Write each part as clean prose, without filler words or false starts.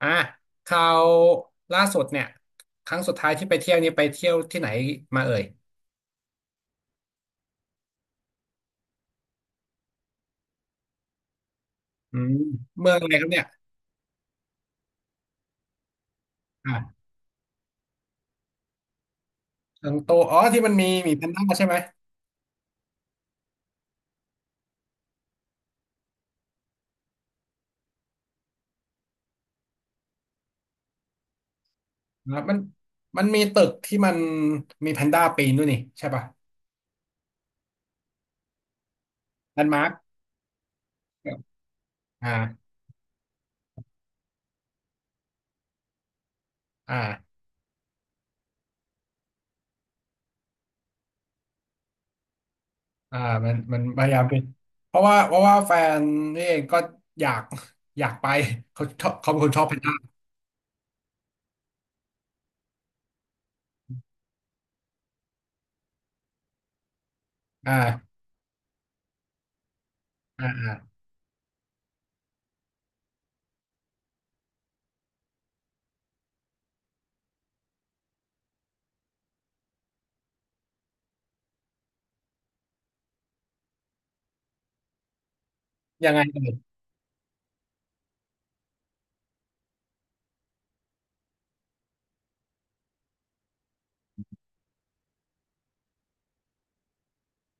อ่ะคราวล่าสุดเนี่ยครั้งสุดท้ายที่ไปเที่ยวนี่ไปเที่ยวที่ไหนมาเอ่ยอืมเมืองอะไรครับเนี่ยอ่ะเชิงโตอ๋อที่มันมีหมีแพนด้าใช่ไหมอ่ะมันมีตึกที่มันมีแพนด้าปีนด้วยนี่ใช่ป่ะแลนด์มาร์คอ่าอ่าอ่ามันพยายามไปเพราะว่าแฟนนี่เองก็อยากอยากไปเขาชอบเขาเป็นคนชอบแพนด้าอ่าอ่าอ่ายังไงเอ่ย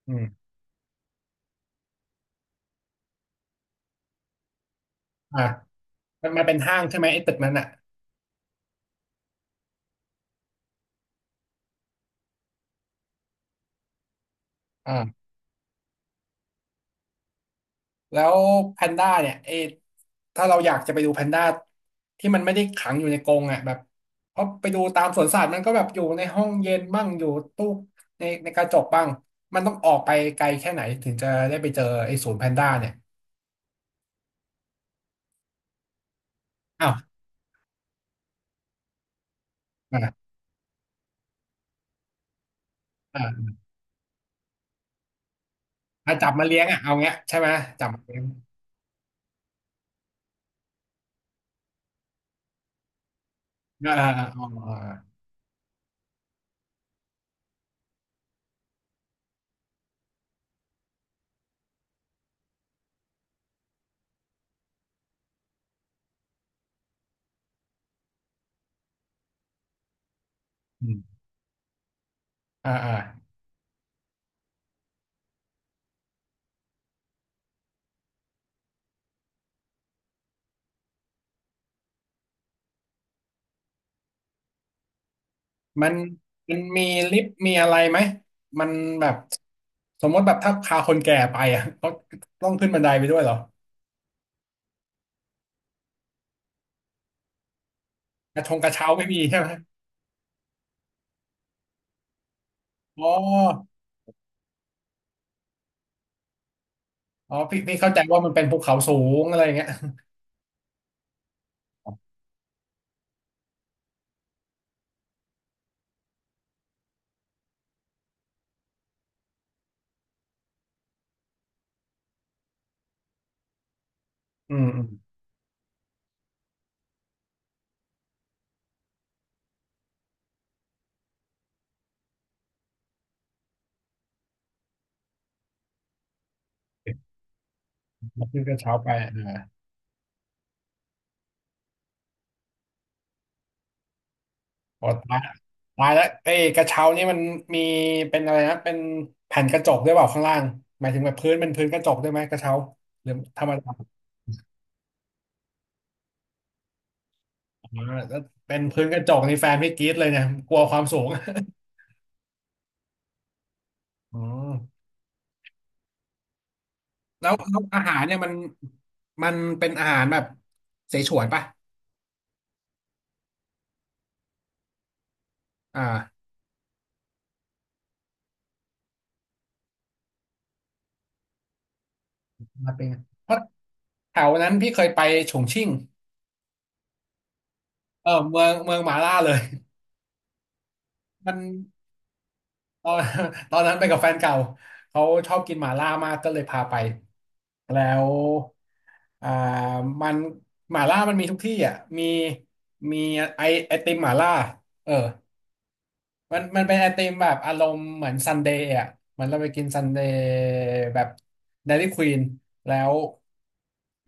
อืมอ่ามันเป็นห้างใช่ไหมไอ้ตึกนั้นอ่ะอ่า แล้วแพนด้าเนี่ยเอถ้าเราอยากจะไปดูแพนด้าที่มันไม่ได้ขังอยู่ในกรงอ่ะแบบเพราะไปดูตามสวนสัตว์มันก็แบบอยู่ในห้องเย็นบ้างอยู่ตู้ในกระจกบ้างมันต้องออกไปไกลแค่ไหนถึงจะได้ไปเจอไอ้ศูนย์แพนด้าเนี่ยอ้าวอ่าอ่าถ้าจับมาเลี้ยงอ่ะเอาเงี้ยใช่ไหมจับมาเลี้ยงอ่าอ่าอ่าอ่าอืมอ่าอ่ามันมันมีลิฟต์มีอะไรไหมมันแบบสมมติแบบถ้าพาคนแก่ไปอ่ะก็ต้องขึ้นบันไดไปด้วยเหรอ กระเช้าไม่มีใช่ไหมอ๋ออ๋อพี่เข้าใจว่ามันเป็นภูเขาสูงอะไรอย่างเงี้ย อืมอืมขึ้นกระเช้าไปอ่าพอตายตายแล้วเอ้ยกระเช้านี่มันมีเป็นอะไรนะเป็นแผ่นกระจกด้วยเปล่าข้างล่างหมายถึงแบบพื้นเป็นพื้นกระจกด้วยไหมกระเช้าหรือธรรมดาอ๋อแล้วเป็นพื้นกระจกนี่แฟนพี่กรี๊ดเลยเนี่ยกลัวความสูง อ๋อแล้วอาหารเนี่ยมันเป็นอาหารแบบเสฉวนป่ะอ่ามาเป็นไงเพราะแถวนั้นพี่เคยไปฉงชิ่ง เออเมืองเมืองหมาล่าเลยมันตอน ตอนนั้นไปกับแฟนเก่าเขาชอบกินหมาล่ามากก็เลยพาไปแล้วอ่ามันหมาล่ามันมีทุกที่อ่ะมีไอไอติมหมาล่าเออมันเป็นไอติมแบบอารมณ์เหมือนซันเดย์อ่ะเหมันเราไปกินซันเดย์แบบเดลี่ควีนแล้ว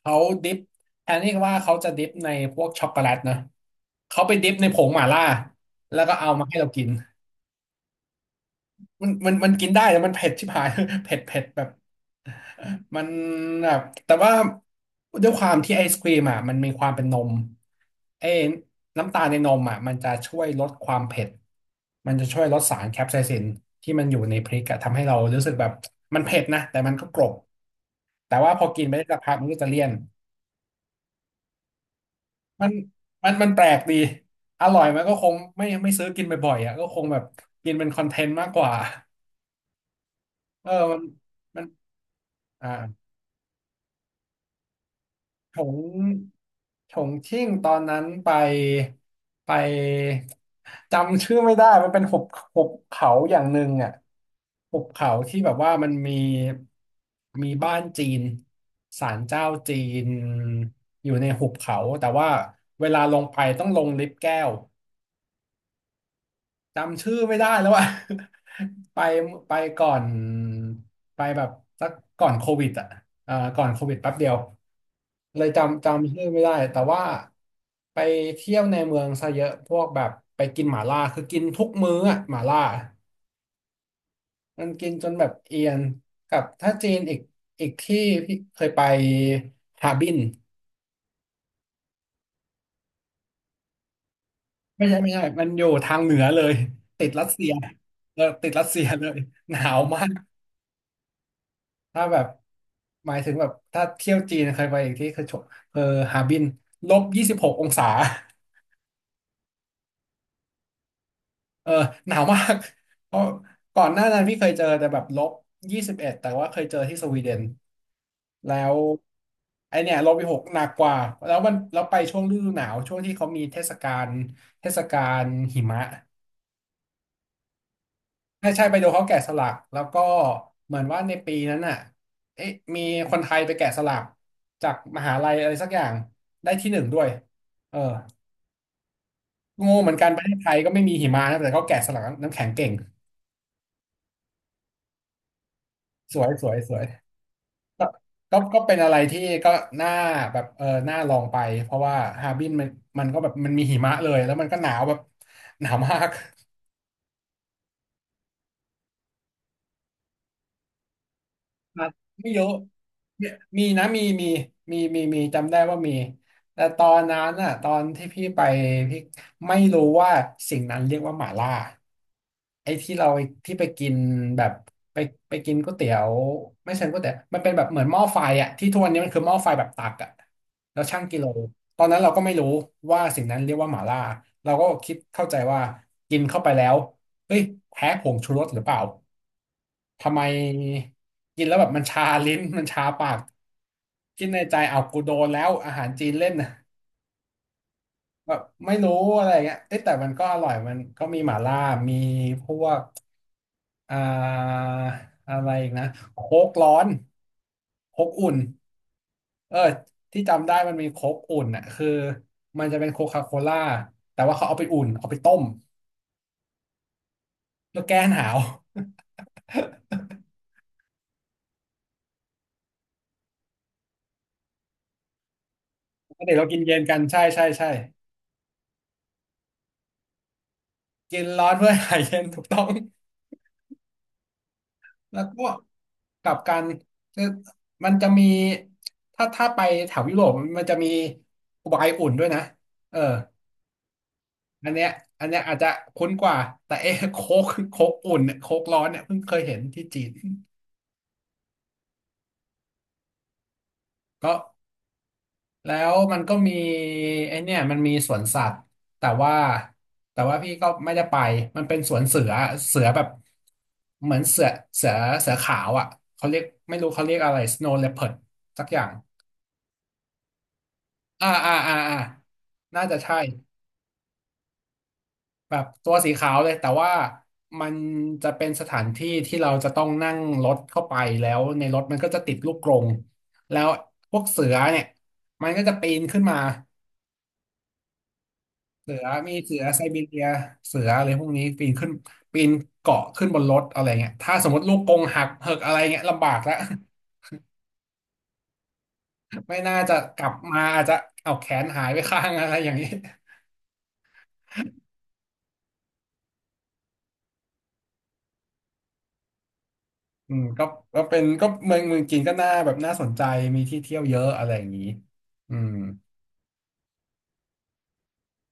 เขาดิฟแทนที่ว่าเขาจะดิฟในพวกช็อกโกแลตนะเขาไปดิฟในผงหมาล่าแล้วก็เอามาให้เรากิน มันกินได้แต่มันเผ็ดชิบหาย เผ็ดเผ็ดแบบมันแบบแต่ว่าด้วยความที่ไอศครีมอ่ะมันมีความเป็นนมไอ้น้ำตาลในนมอ่ะมันจะช่วยลดความเผ็ดมันจะช่วยลดสารแคปไซซินที่มันอยู่ในพริกอะทำให้เรารู้สึกแบบมันเผ็ดนะแต่มันก็กรอบแต่ว่าพอกินไปได้สักพักมันก็จะเลี่ยนมันมันแปลกดีอร่อยมันก็คงไม่ซื้อกินบ่อยๆอ่ะก็คงแบบกินเป็นคอนเทนต์มากกว่าเออมันมันอ่า ฉงฉงชิ่งตอนนั้นไปไปจำชื่อไม่ได้มันเป็นหุบเขาอย่างหนึ่งอ่ะหุบเขาที่แบบว่ามันมีมีบ้านจีนศาลเจ้าจีนอยู่ในหุบเขาแต่ว่าเวลาลงไปต้องลงลิฟต์แก้ว จำชื่อไม่ได้แล้วอะ ไปไปก่อนไปแบบสักก่อนโควิดอะก่อนโควิดแป๊บเดียวเลยจำชื่อไม่ได้แต่ว่าไปเที่ยวในเมืองซะเยอะพวกแบบไปกินหม่าล่าคือกินทุกมื้ออะหม่าล่ามันกินจนแบบเอียนกับถ้าจีนอีกอีกที่พี่เคยไปฮาร์บินไม่ใช่มันอยู่ทางเหนือเลยติดรัสเซียเออติดรัสเซียเลยหนาวมาก ถ้าแบบหมายถึงแบบถ้าเที่ยวจีนเคยไปอีกที่คือชเออฮาร์บินลบ26องศา เออหนาวมาก เพราะก่อนหน้านั้นพี่เคยเจอแต่แบบลบ21แต่ว่าเคยเจอที่สวีเดนแล้วไอเนี่ยลบไปหกหนักกว่าแล้วมันแล้วไปช่วงฤดูหนาวช่วงที่เขามีเทศกาลเทศกาลหิมะ ใช่ใช่ไปดูเขาแกะสลักแล้วก็เหมือนว่าในปีนั้นน่ะเอ๊ะมีคนไทยไปแกะสลักจากมหาลัยอะไรสักอย่างได้ที่หนึ่งด้วยเอองงเหมือนกันประเทศไทยก็ไม่มีหิมะนะแต่เขาแกะสลักน้ำแข็งเก่งสวยสวยสวยก็ก็ก็เป็นอะไรที่ก็น่าแบบเออน่าลองไปเพราะว่าฮาร์บินมันมันก็แบบมันมีหิมะเลยแล้วมันก็หนาวแบบหนาวมาก ครับไม่เยอะเนี่ยมีนะ มี มี มี มี มี จำได้ว่ามี แต่ตอนนั้นน่ะตอนที่พี่ไปพี่ไม่รู้ว่าสิ่งนั้นเรียกว่าหม่าล่า ไอ้ที่เราที่ไปกินแบบไปไปกินก๋วยเตี๋ยวไม่เช่ก๋วยเตี๋ยวมันเป็นแบบเหมือนหม้อไฟอ่ะที่ทุกวันนี้มันคือหม้อไฟแบบตักอ่ะแล้วชั่งกิโลตอนนั้นเราก็ไม่รู้ว่าสิ่งนั้นเรียกว่าหม่าล่าเราก็คิดเข้าใจว่ากินเข้าไปแล้วเฮ้ยแพ้ผงชูรสหรือเปล่าทำไมกินแล้วแบบมันชาลิ้น มันชาปากคิดในใจเอากูโดนแล้วอาหารจีนเล่น นะแบบไม่รู้อะไรเงี้ยเอ้ยแต่มันก็อร่อยมันก็มีหม่าล่ามีพวก อ่าอะไรอีกนะโค้กร้อนโค้กอุ่นเออที่จำได้มันมีโค้กอุ่นอ่ะคือมันจะเป็นโคคาโคล่าแต่ว่าเขาเอาไปอุ่นเอาไปต้มแล้วแก้หนาวปกติเรากินเย็นกันใช่ใช่ใช่กินร้อนเพื่อหายเย็นถูกต้องแล้วก็กลับกันคือมันจะมีถ้าไปแถวยุโรปมันจะมีไวน์อุ่นด้วยนะเออ อันเนี้ยอันเนี้ยอาจจะคุ้นกว่า แต่เอ๊ะโค้กโค้กอุ่นเนี่ยโค้กร้อนเนี่ยเพิ่งเคยเห็นที่จีนก็แล้วมันก็มีไอเนี่ยมันมีสวนสัตว์แต่ว่าแต่ว่าพี่ก็ไม่ได้ไป มันเป็นสวนเสือเสือแบบเหมือนเสือเสือเสือขาวอ่ะเขาเรียกไม่รู้เขาเรียกอะไร snow leopard สักอย่างอ่าอ่าอ่าอ่าน่าจะใช่ แบบตัวสีขาวเลยแต่ว่ามันจะเป็นสถานที่ที่เราจะต้องนั่งรถเข้าไปแล้วในรถมันก็จะติดลูกกรงแล้วพวกเสือเนี่ยมันก็จะปีนขึ้นมาเสือมีเสือไซบีเรียเสืออะไรพวกนี้ปีนขึ้นปีนเกาะขึ้นบนรถอะไรเงี้ยถ้าสมมติลูกกรงหักเหิกอะไรเงี้ยลำบากแล้ว ไม่น่าจะกลับมาอาจจะเอาแขนหายไปข้างอะไรอย่างนี้ อืมก็ก็เป็นก็เมืองจีนก็น่าแบบน่าสนใจมีที่เที่ยวเยอะอะไรอย่างนี้อืม